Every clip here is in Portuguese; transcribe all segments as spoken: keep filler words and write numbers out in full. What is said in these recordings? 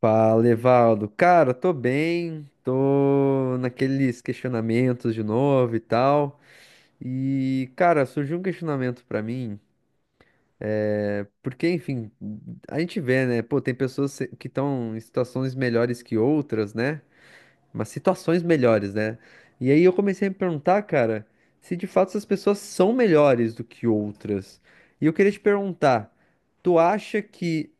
Fala, Evaldo. Cara, tô bem, tô naqueles questionamentos de novo e tal. E, cara, surgiu um questionamento pra mim, porque, enfim, a gente vê, né? Pô, tem pessoas se- que estão em situações melhores que outras, né? Mas situações melhores, né? E aí eu comecei a me perguntar, cara, se de fato essas pessoas são melhores do que outras. E eu queria te perguntar, tu acha que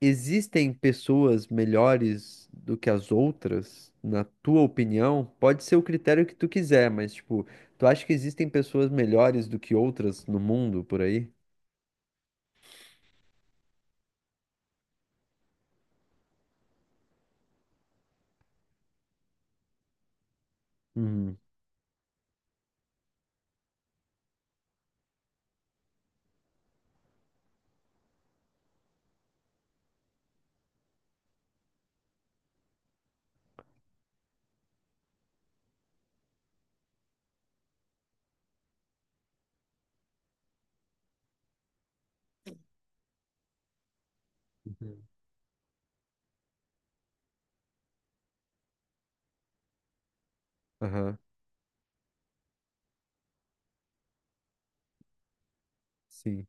existem pessoas melhores do que as outras, na tua opinião? Pode ser o critério que tu quiser, mas tipo, tu acha que existem pessoas melhores do que outras no mundo por aí? Uhum. Uhum. Aham. Sim.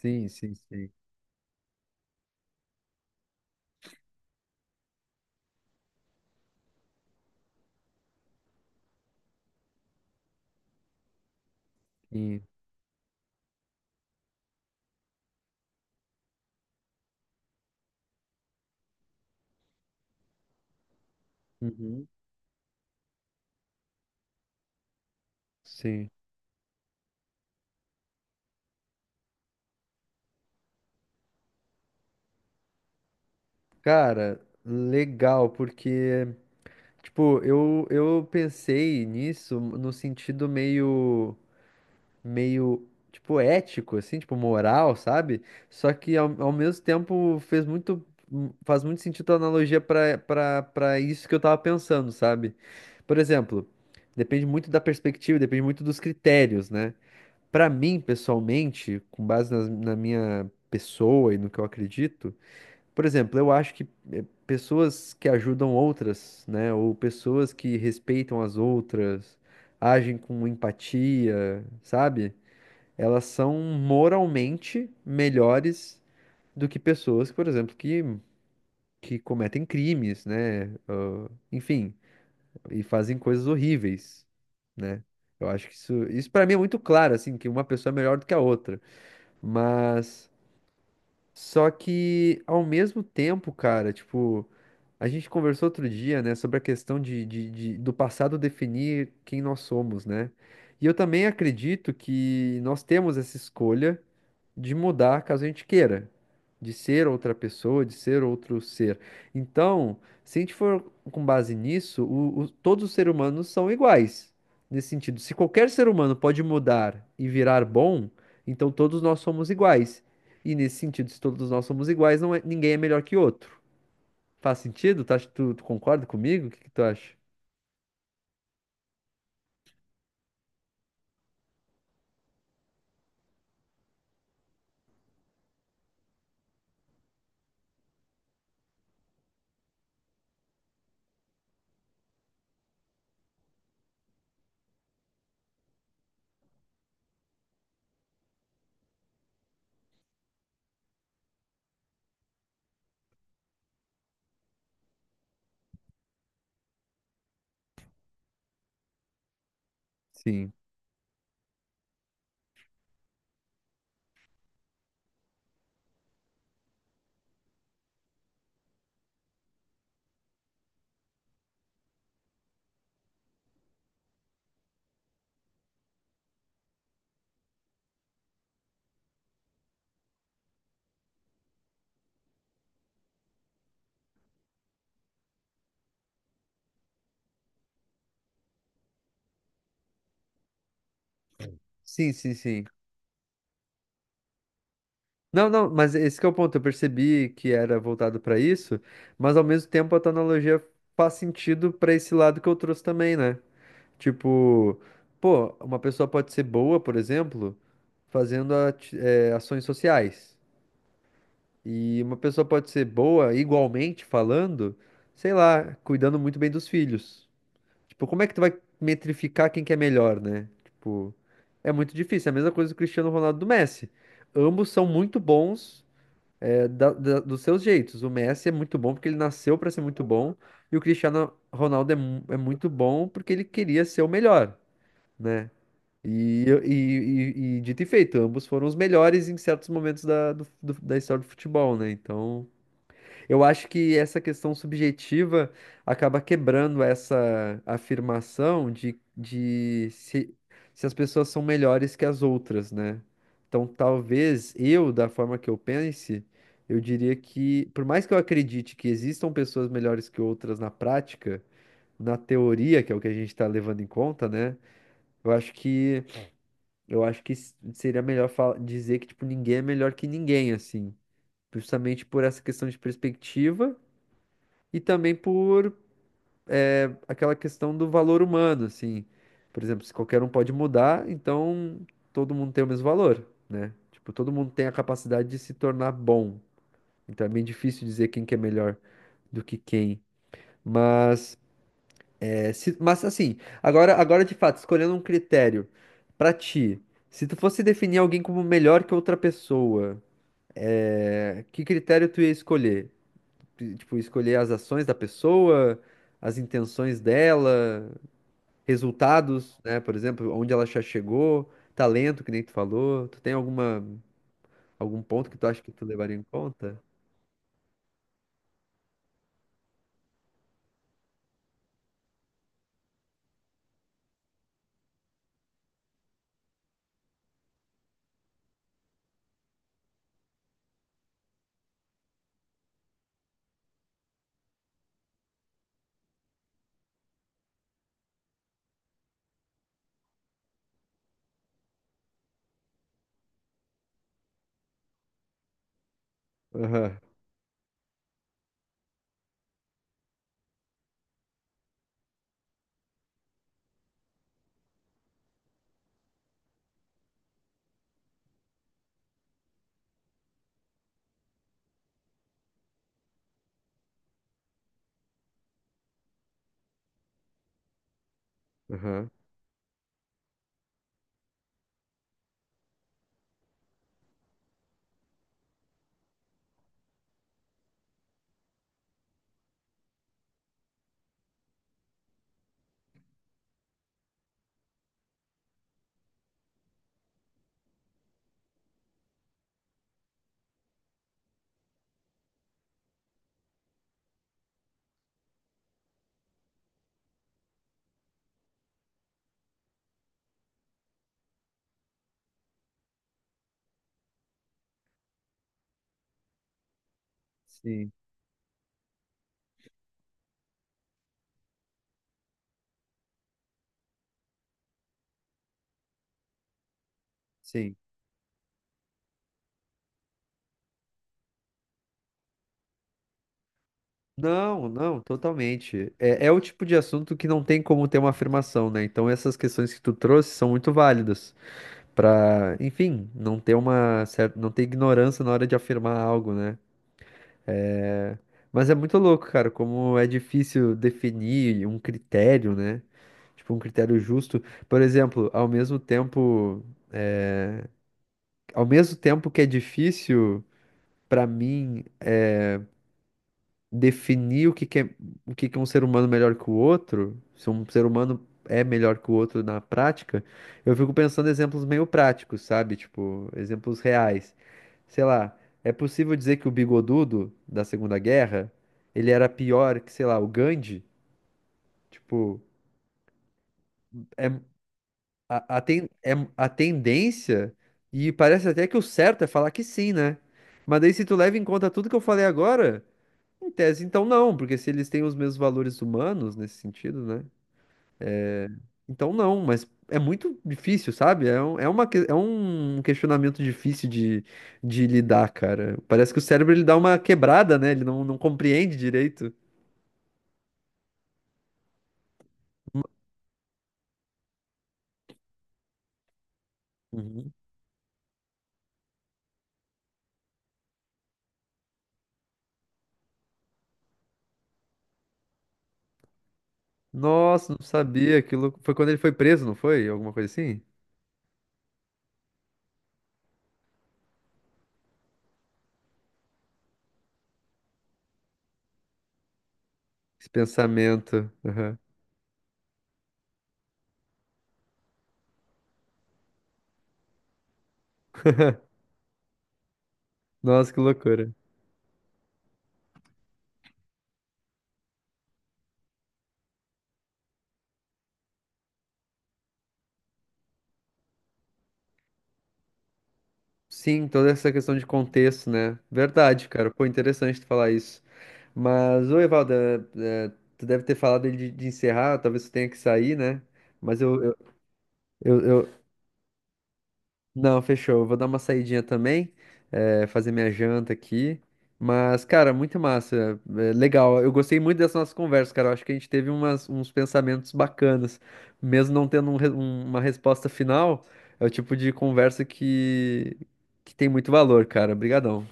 Sim, sim, sim. Sim. Uhum. Sim. Cara, legal, porque, tipo, eu, eu pensei nisso no sentido meio. Meio, tipo, ético, assim, tipo, moral, sabe? Só que ao, ao mesmo tempo fez muito, hum, faz muito sentido a analogia para para para isso que eu tava pensando, sabe? Por exemplo, depende muito da perspectiva, depende muito dos critérios, né? Pra mim, pessoalmente, com base nas- na minha pessoa e no que eu acredito, por exemplo, eu acho que eh, pessoas que ajudam outras, né, ou pessoas que respeitam as outras, agem com empatia, sabe? Elas são moralmente melhores do que pessoas, por exemplo, que, que cometem crimes, né? Ah, enfim, e fazem coisas horríveis, né? Eu acho que isso, isso para mim é muito claro, assim, que uma pessoa é melhor do que a outra. Mas só que ao mesmo tempo, cara, tipo, a gente conversou outro dia, né, sobre a questão de, de, de- do passado definir quem nós somos, né? E eu também acredito que nós temos essa escolha de mudar caso a gente queira, de ser outra pessoa, de ser outro ser. Então, se a gente for com base nisso, o- o- todos os seres humanos são iguais. Nesse sentido, se qualquer ser humano pode mudar e virar bom, então todos nós somos iguais. E nesse sentido, se todos nós somos iguais, não é- ninguém é melhor que outro. Faz sentido? Tu, acha- tu, tu concorda comigo? O que que tu acha? Sim. Sim, sim, sim. Não, não, mas esse que é o ponto. Eu percebi que era voltado pra isso, mas ao mesmo tempo a tua analogia faz sentido pra esse lado que eu trouxe também, né? Tipo, pô, uma pessoa pode ser boa, por exemplo, fazendo ati- eh, ações sociais. E uma pessoa pode ser boa, igualmente falando, sei lá, cuidando muito bem dos filhos. Tipo, como é que tu vai metrificar quem que é melhor, né? Tipo, é muito difícil. É a mesma coisa do Cristiano Ronaldo e do Messi. Ambos são muito bons é, da- da- dos seus jeitos. O Messi é muito bom porque ele nasceu para ser muito bom, e o Cristiano Ronaldo é, mu- é muito bom porque ele queria ser o melhor, né? E, eu- e, e- e dito e feito, ambos foram os melhores em certos momentos da, do- do- da história do futebol, né? Então. Eu acho que essa questão subjetiva acaba quebrando essa afirmação de, de se, se as pessoas são melhores que as outras, né? Então, talvez eu, da forma que eu pense, eu diria que, por mais que eu acredite que existam pessoas melhores que outras na prática, na teoria, que é o que a gente está levando em conta, né? Eu acho que, eu acho que s- seria melhor fa- dizer que, tipo, ninguém é melhor que ninguém, assim. Justamente por essa questão de perspectiva e também por aquela questão do valor humano, assim. Por exemplo, se qualquer um pode mudar, então todo mundo tem o mesmo valor, né? Tipo, todo mundo tem a capacidade de se tornar bom. Então é bem difícil dizer quem que é melhor do que quem. Mas, é, se- mas assim, agora, agora de fato, escolhendo um critério pra ti, se tu fosse definir alguém como melhor que outra pessoa, é, que critério tu ia escolher? Tipo, escolher as ações da pessoa, as intenções dela. Resultados, né? Por exemplo, onde ela já chegou, talento, que nem tu falou. Tu tem alguma, algum ponto que tu acha que tu levaria em conta? Aham, aham. Sim, sim. Não, não, totalmente. É, é o tipo de assunto que não tem como ter uma afirmação, né? Então essas questões que tu trouxe são muito válidas para, enfim, não ter uma certa, não ter ignorância na hora de afirmar algo, né? Mas é muito louco, cara, como é difícil definir um critério, né? Tipo, um critério justo. Por exemplo, ao mesmo tempo, ao mesmo tempo que é difícil pra mim definir o que que é, o que que é um ser humano melhor que o outro, se um ser humano é melhor que o outro na prática, eu fico pensando em exemplos meio práticos, sabe? Tipo, exemplos reais. Sei lá, é possível dizer que o Bigodudo da Segunda Guerra, ele era pior que, sei lá, o Gandhi? Tipo, é, a, a, ten- é a tendência, e parece até que o certo é falar que sim, né? Mas daí, se tu leva em conta tudo que eu falei agora, em tese, então não, porque se eles têm os mesmos valores humanos nesse sentido, né? Então não, mas é muito difícil, sabe? É, um- é, uma, que- é um questionamento difícil de, de lidar, cara. Parece que o cérebro ele dá uma quebrada, né? Ele não, não compreende direito. Uhum. Nossa, não sabia. Aquilo foi quando ele foi preso, não foi? Alguma coisa assim? Esse pensamento. Nossa, que loucura. Sim, toda essa questão de contexto, né? Verdade, cara. Pô, interessante tu falar isso. Mas, ô, Evaldo, é, é, tu deve ter falado de, de encerrar, talvez tu tenha que sair, né? Mas eu, eu, eu, eu Não, fechou. Eu vou dar uma saidinha também, eh, fazer minha janta aqui. Mas, cara, muito massa. Eh, legal. Eu gostei muito dessa nossa conversa, cara. Eu acho que a gente teve umas- uns pensamentos bacanas. Mesmo não tendo um re- um- uma resposta final, é o tipo de conversa que, que tem muito valor, cara. Obrigadão.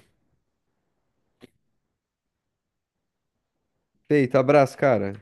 Feito, abraço, cara.